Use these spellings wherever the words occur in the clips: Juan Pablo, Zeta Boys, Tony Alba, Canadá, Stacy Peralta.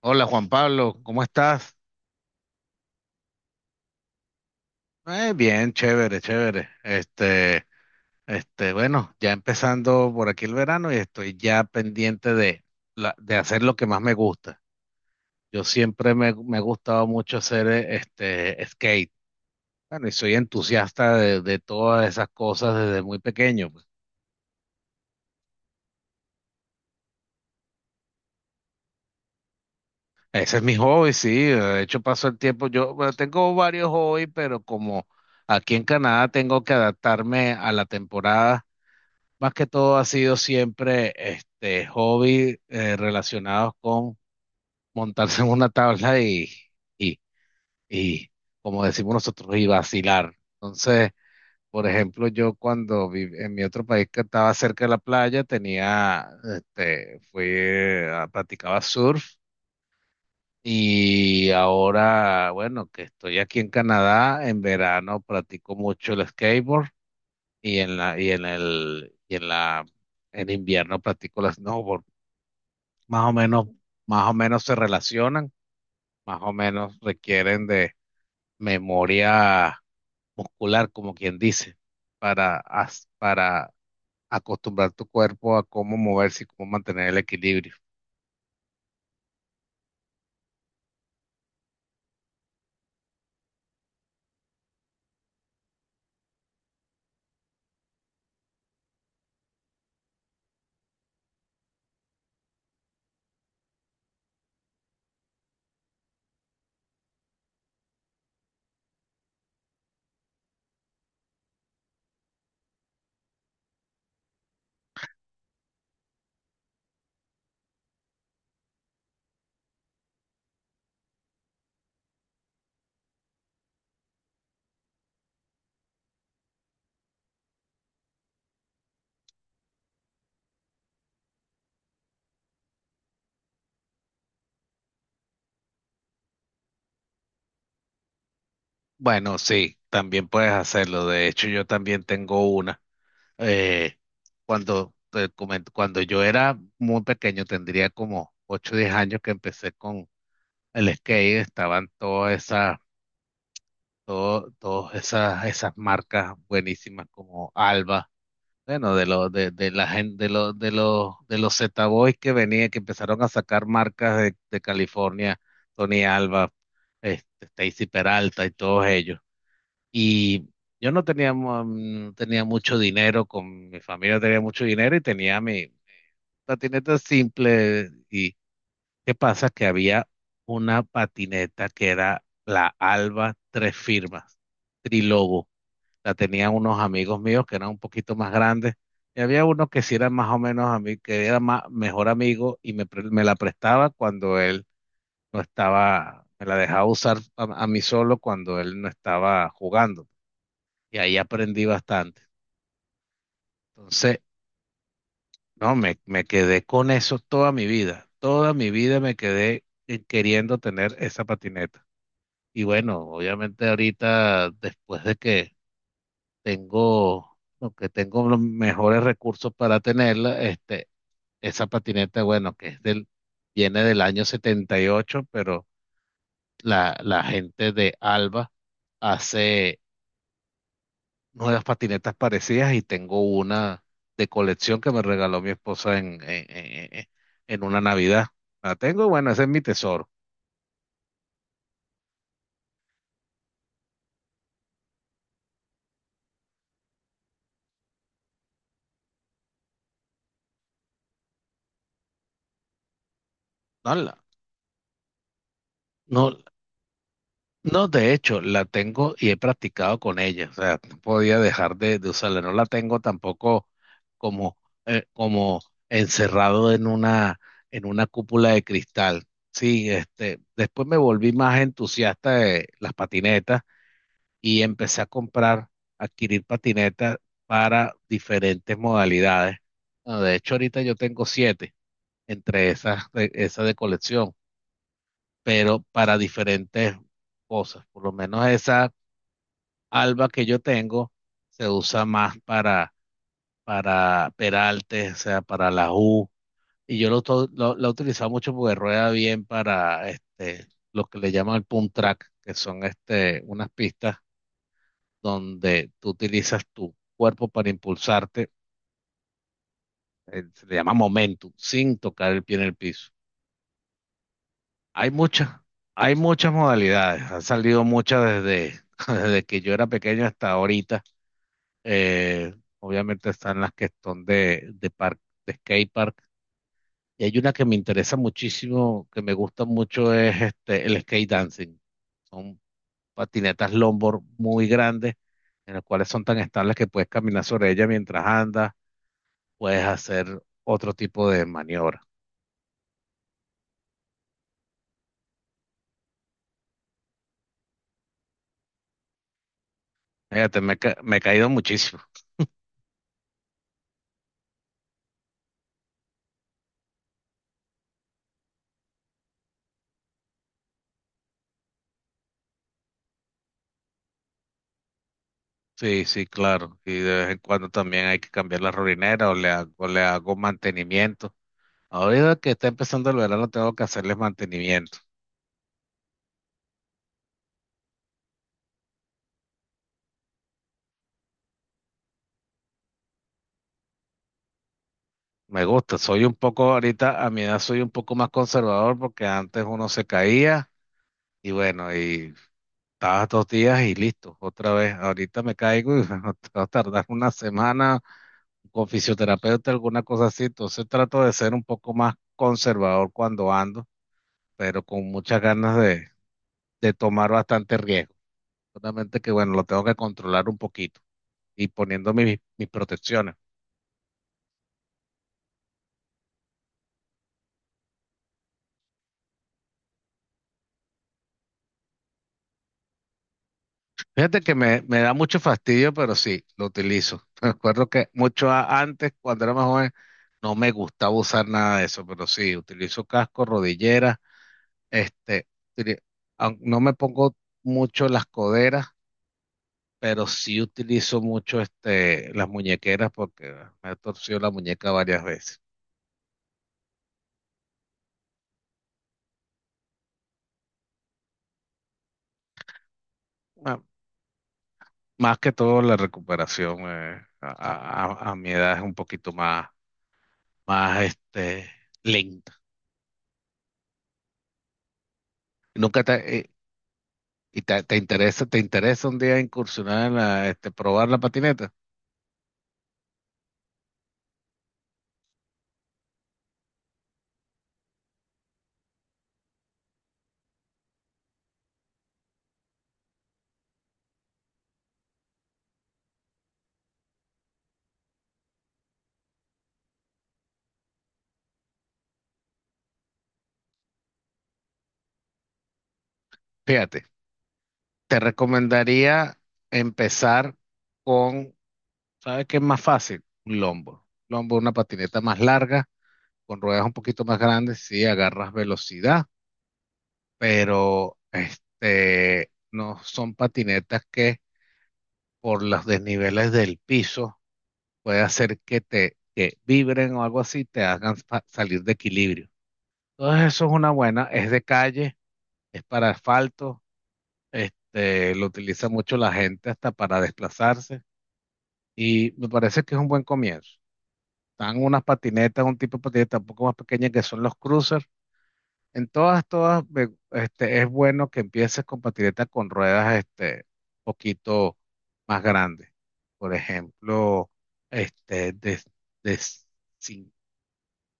Hola Juan Pablo, ¿cómo estás? Bien, chévere, chévere. Bueno, ya empezando por aquí el verano y estoy ya pendiente de hacer lo que más me gusta. Yo siempre me ha gustado mucho hacer este skate. Bueno, y soy entusiasta de todas esas cosas desde muy pequeño, pues. Ese es mi hobby, sí. De hecho, paso el tiempo. Yo, bueno, tengo varios hobbies, pero como aquí en Canadá tengo que adaptarme a la temporada. Más que todo ha sido siempre este hobby, relacionados con montarse en una tabla y, y, como decimos nosotros, y vacilar. Entonces, por ejemplo, yo cuando viví en mi otro país que estaba cerca de la playa, tenía, este, fui, a- practicaba surf. Y ahora, bueno, que estoy aquí en Canadá, en verano practico mucho el skateboard y en la, y en el, y en la en invierno practico las snowboard. Más o menos, más o menos se relacionan, más o menos requieren de memoria muscular, como quien dice, para acostumbrar tu cuerpo a cómo moverse y cómo mantener el equilibrio. Bueno, sí, también puedes hacerlo. De hecho, yo también tengo una. Eh, Cuando, te comento, cuando yo era muy pequeño, tendría como 8 o 10 años, que empecé con el skate. Estaban todas esas todo- todas esas, esas marcas buenísimas como Alba, bueno, de la gente de los Zeta Boys que venían, que empezaron a sacar marcas de California, Tony Alba, este, Stacy Peralta y todos ellos. Y yo no tenía mucho dinero. Con mi familia tenía mucho dinero y tenía mi patineta simple. ¿Y qué pasa? Que había una patineta que era la Alba Tres Firmas, Trilobo. La tenían unos amigos míos que eran un poquito más grandes, y había uno que sí era más o menos a mí, que era mejor amigo y me la prestaba cuando él no estaba. Me la dejaba usar a mí solo cuando él no estaba jugando, y ahí aprendí bastante. Entonces, no, me quedé con eso toda mi vida. Toda mi vida me quedé queriendo tener esa patineta. Y bueno, obviamente ahorita, después de que tengo, aunque tengo los mejores recursos para tenerla, este, esa patineta, bueno, viene del año setenta y ocho. Pero la gente de Alba hace nuevas patinetas parecidas y tengo una de colección que me regaló mi esposa en una Navidad. La tengo, bueno, ese es mi tesoro. No, no, no, de hecho, la tengo y he practicado con ella. O sea, no podía dejar de usarla. No la tengo tampoco como, como encerrado en una cúpula de cristal. Sí, este, después me volví más entusiasta de las patinetas y empecé a adquirir patinetas para diferentes modalidades. Bueno, de hecho, ahorita yo tengo siete entre esas, esas de colección, pero para diferentes cosas. Por lo menos esa Alba que yo tengo se usa más para Peralte, o sea, para la U. Y yo lo, to- lo, la he utilizado mucho porque rueda bien para este, lo que le llaman el pump track, que son este, unas pistas donde tú utilizas tu cuerpo para impulsarte. Se le llama momentum, sin tocar el pie en el piso. Hay muchas, Hay muchas modalidades. Han salido muchas desde que yo era pequeño hasta ahorita. Eh, Obviamente están las que son de park, de skate park. Y hay una que me interesa muchísimo, que me gusta mucho, es este, el skate dancing. Son patinetas longboard muy grandes, en las cuales son tan estables que puedes caminar sobre ellas mientras andas, puedes hacer otro tipo de maniobra. Fíjate, me he caído muchísimo. Sí, sí, claro. Y de vez en cuando también hay que cambiar la rolinera o le hago mantenimiento. Ahorita que está empezando el verano tengo que hacerles mantenimiento. Me gusta, soy un poco, ahorita a mi edad soy un poco más conservador porque antes uno se caía y bueno, y estabas 2 días y listo, otra vez. Ahorita me caigo y va a tardar una semana con fisioterapeuta, alguna cosa así. Entonces trato de ser un poco más conservador cuando ando, pero con muchas ganas de tomar bastante riesgo. Solamente que bueno, lo tengo que controlar un poquito y poniendo mis protecciones. Fíjate que me da mucho fastidio, pero sí, lo utilizo. Me acuerdo que mucho antes, cuando era más joven, no me gustaba usar nada de eso, pero sí, utilizo casco, rodillera, este, utili- no me pongo mucho las coderas, pero sí utilizo mucho este, las muñequeras porque me he torcido la muñeca varias veces. Ah, más que todo la recuperación a mi edad es un poquito más este, lenta. Nunca te, ¿Y te interesa un día incursionar en probar la patineta? Fíjate, te recomendaría empezar con, ¿sabes qué es más fácil? Un lombo. Lombo, una patineta más larga, con ruedas un poquito más grandes. Sí, agarras velocidad, pero este, no son patinetas que por los desniveles del piso puede hacer que te que vibren o algo así, te hagan salir de equilibrio. Entonces eso es una buena, es de calle, es para asfalto. Este, lo utiliza mucho la gente hasta para desplazarse y me parece que es un buen comienzo. Están unas patinetas, un tipo de patineta un poco más pequeña que son los cruisers. En es bueno que empieces con patinetas con ruedas, este, poquito más grandes. Por ejemplo, este, de cin-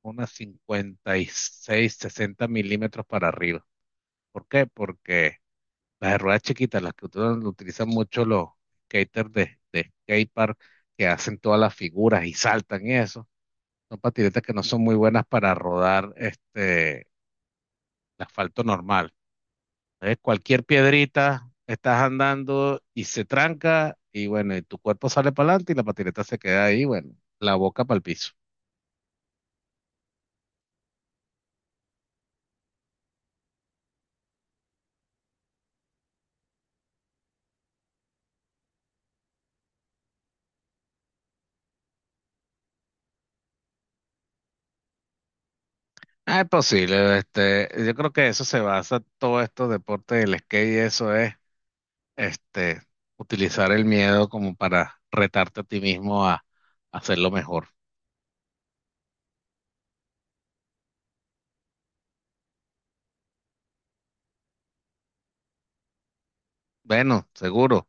unas 56-60 mm para arriba. ¿Por qué? Porque las de ruedas chiquitas, las que utilizan mucho los skaters de skatepark que hacen todas las figuras y saltan y eso. Son patinetas que no son muy buenas para rodar este, el asfalto normal. Entonces, cualquier piedrita, estás andando y se tranca y bueno, y tu cuerpo sale para adelante y la patineta se queda ahí, bueno, la boca para el piso. Ah, es posible, este, yo creo que eso se basa todo esto deporte del skate y eso es este, utilizar el miedo como para retarte a ti mismo a hacerlo mejor. Bueno, seguro.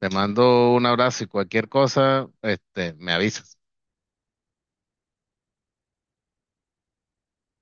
Te mando un abrazo y cualquier cosa, este, me avisas.